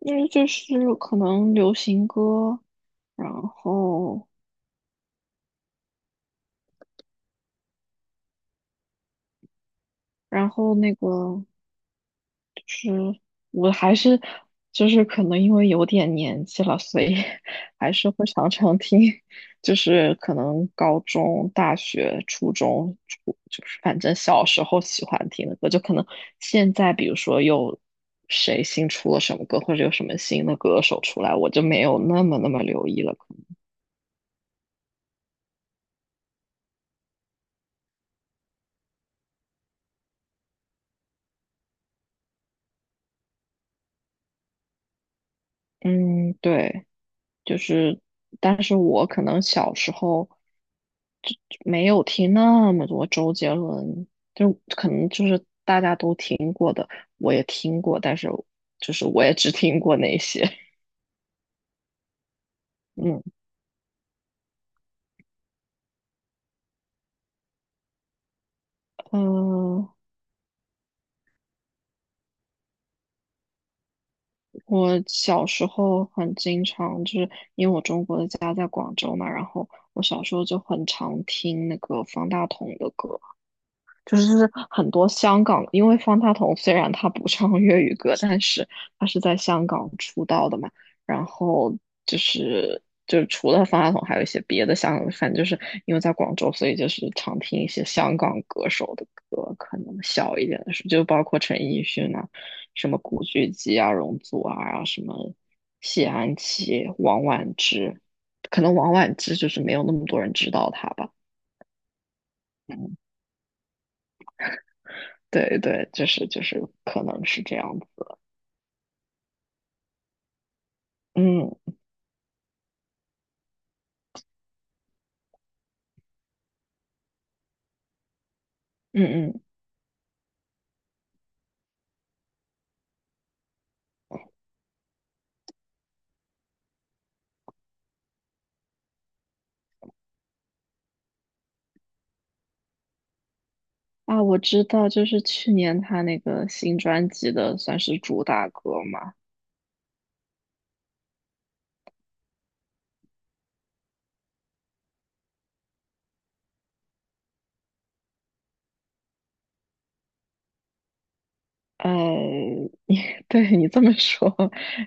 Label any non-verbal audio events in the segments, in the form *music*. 因为就是可能流行歌，然后然后那个就是我还是就是可能因为有点年纪了，所以 *laughs* 还是会常常听，就是可能高中、大学、初中、就是反正小时候喜欢听的歌，就可能现在比如说有谁新出了什么歌，或者有什么新的歌手出来，我就没有那么留意了，可能嗯对。就是，但是我可能小时候就没有听那么多周杰伦，就可能就是大家都听过的，我也听过，但是就是我也只听过那些。嗯，呃，我小时候很经常就是因为我中国的家在广州嘛，然后我小时候就很常听那个方大同的歌。就是很多香港，因为方大同虽然他不唱粤语歌，但是他是在香港出道的嘛。然后就是就是除了方大同，还有一些别的香港，反正就是因为在广州，所以就是常听一些香港歌手的歌，可能小一点的时候，就包括陈奕迅啊，什么古巨基啊、容祖儿啊，什么谢安琪、王菀之，可能王菀之就是没有那么多人知道他吧。对对，就是可能是这样子。嗯嗯嗯啊，我知道，就是去年他那个新专辑的算是主打歌嘛。嗯，你 *laughs* 对你这么说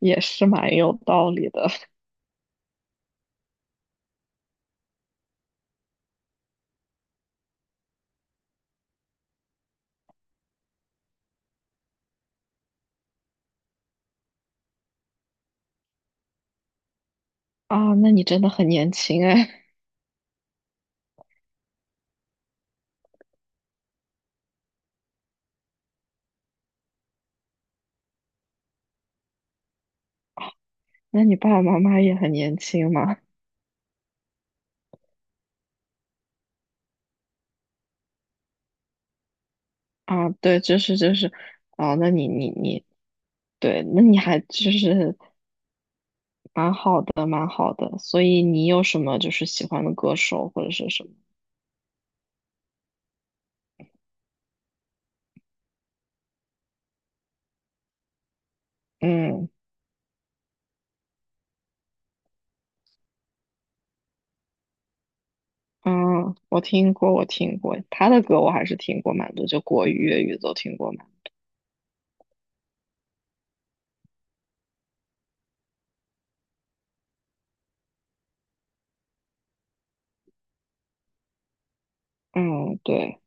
也是蛮有道理的啊。那你真的很年轻哎，那你爸爸妈妈也很年轻嘛？啊，对，就是啊，那你对，那你还就是蛮好的，蛮好的。所以你有什么就是喜欢的歌手或者是什么？嗯。嗯，我听过他的歌，我还是听过蛮多，就国语、粤语都听过蛮多。嗯，对，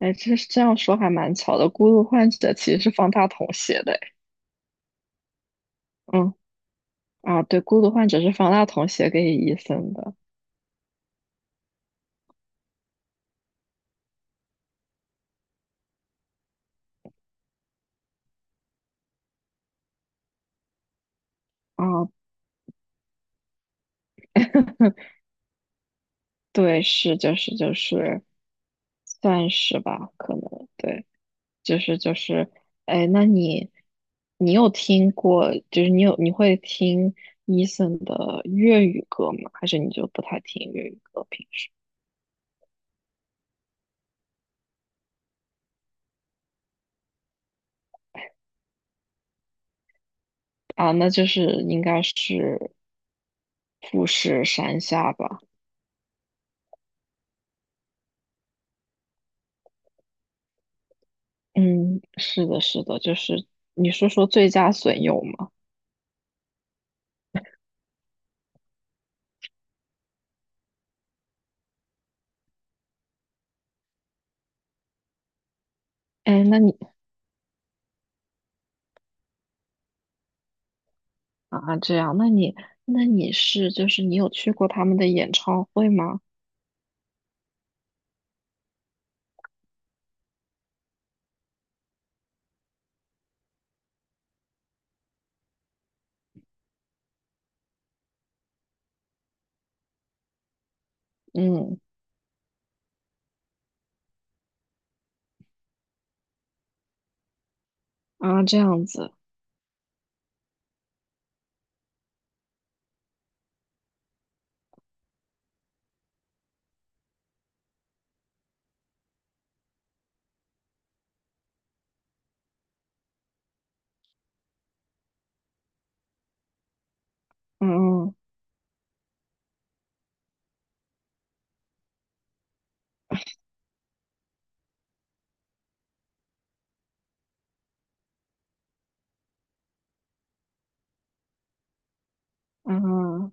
哎，这样说还蛮巧的，《孤独患者》其实是方大同写的诶，哎嗯啊，对，《孤独患者》是方大同写给伊森的，啊，*laughs* 对，是，就是，算是吧，可能对。就是，哎，那你有听过，就是你会听 Eason 的粤语歌吗？还是你就不太听粤语歌？平时啊，那就是应该是富士山下吧？嗯，是的，是的，就是你是说最佳损友吗？哎，那你啊，这样，那你是就是你有去过他们的演唱会吗？嗯啊，这样子，嗯嗯。嗯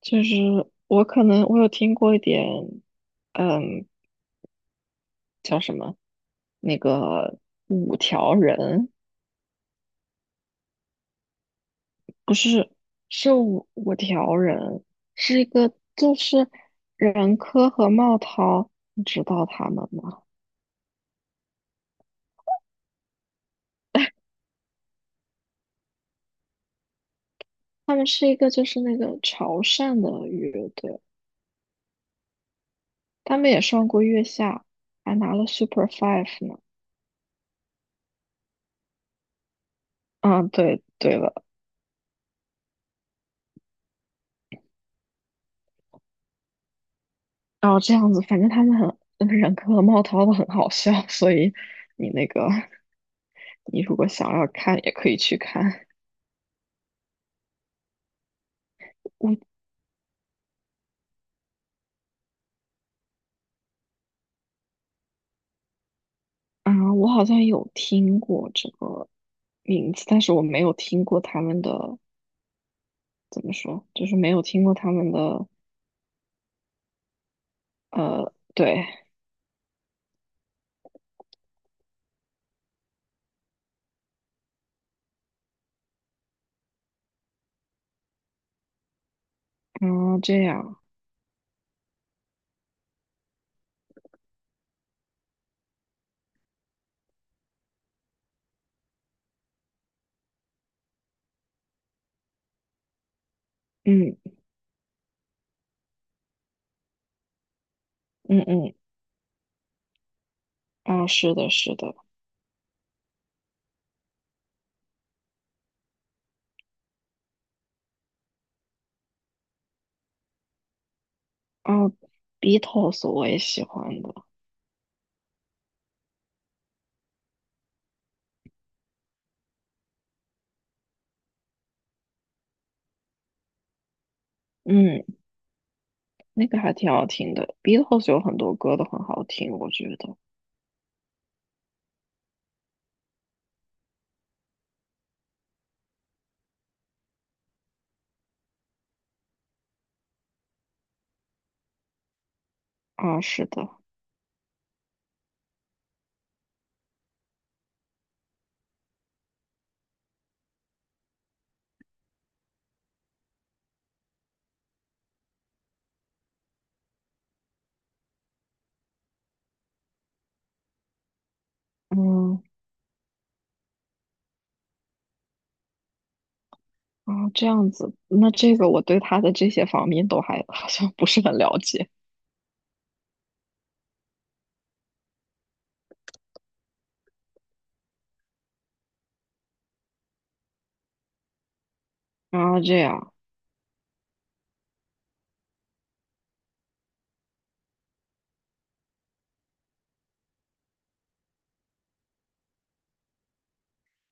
就是我可能我有听过一点，嗯，叫什么那个五条人，不是是五条人，是一个就是任科和茂涛，你知道他们吗？他们是一个就是那个潮汕的乐队，他们也上过月下，还拿了 Super Five 呢。啊，对对了，然后这样子，反正他们很任科和茂涛都很好笑，所以你那个。你如果想要看，也可以去看。我我好像有听过这个名字，但是我没有听过他们的，怎么说，就是没有听过他们的，对，啊，这样，嗯嗯嗯，啊，是的，是的，啊，Beatles 我也喜欢的，嗯，那个还挺好听的，Beatles 有很多歌都很好听，我觉得，啊，是的，嗯。啊，这样子，那这个我对他的这些方面都还 *laughs* 好像不是很了解。啊，这样，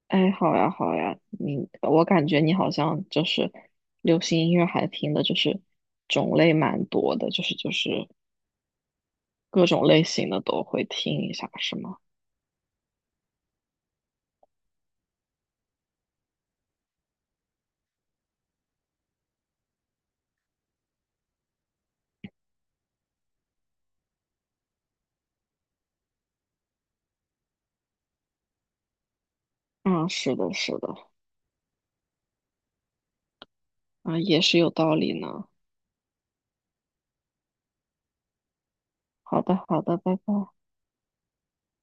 哎，好呀，好呀，我感觉你好像就是流行音乐还听的，就是种类蛮多的，就是各种类型的都会听一下，是吗？啊，是的，是的，啊，也是有道理呢。好的，好的，拜拜。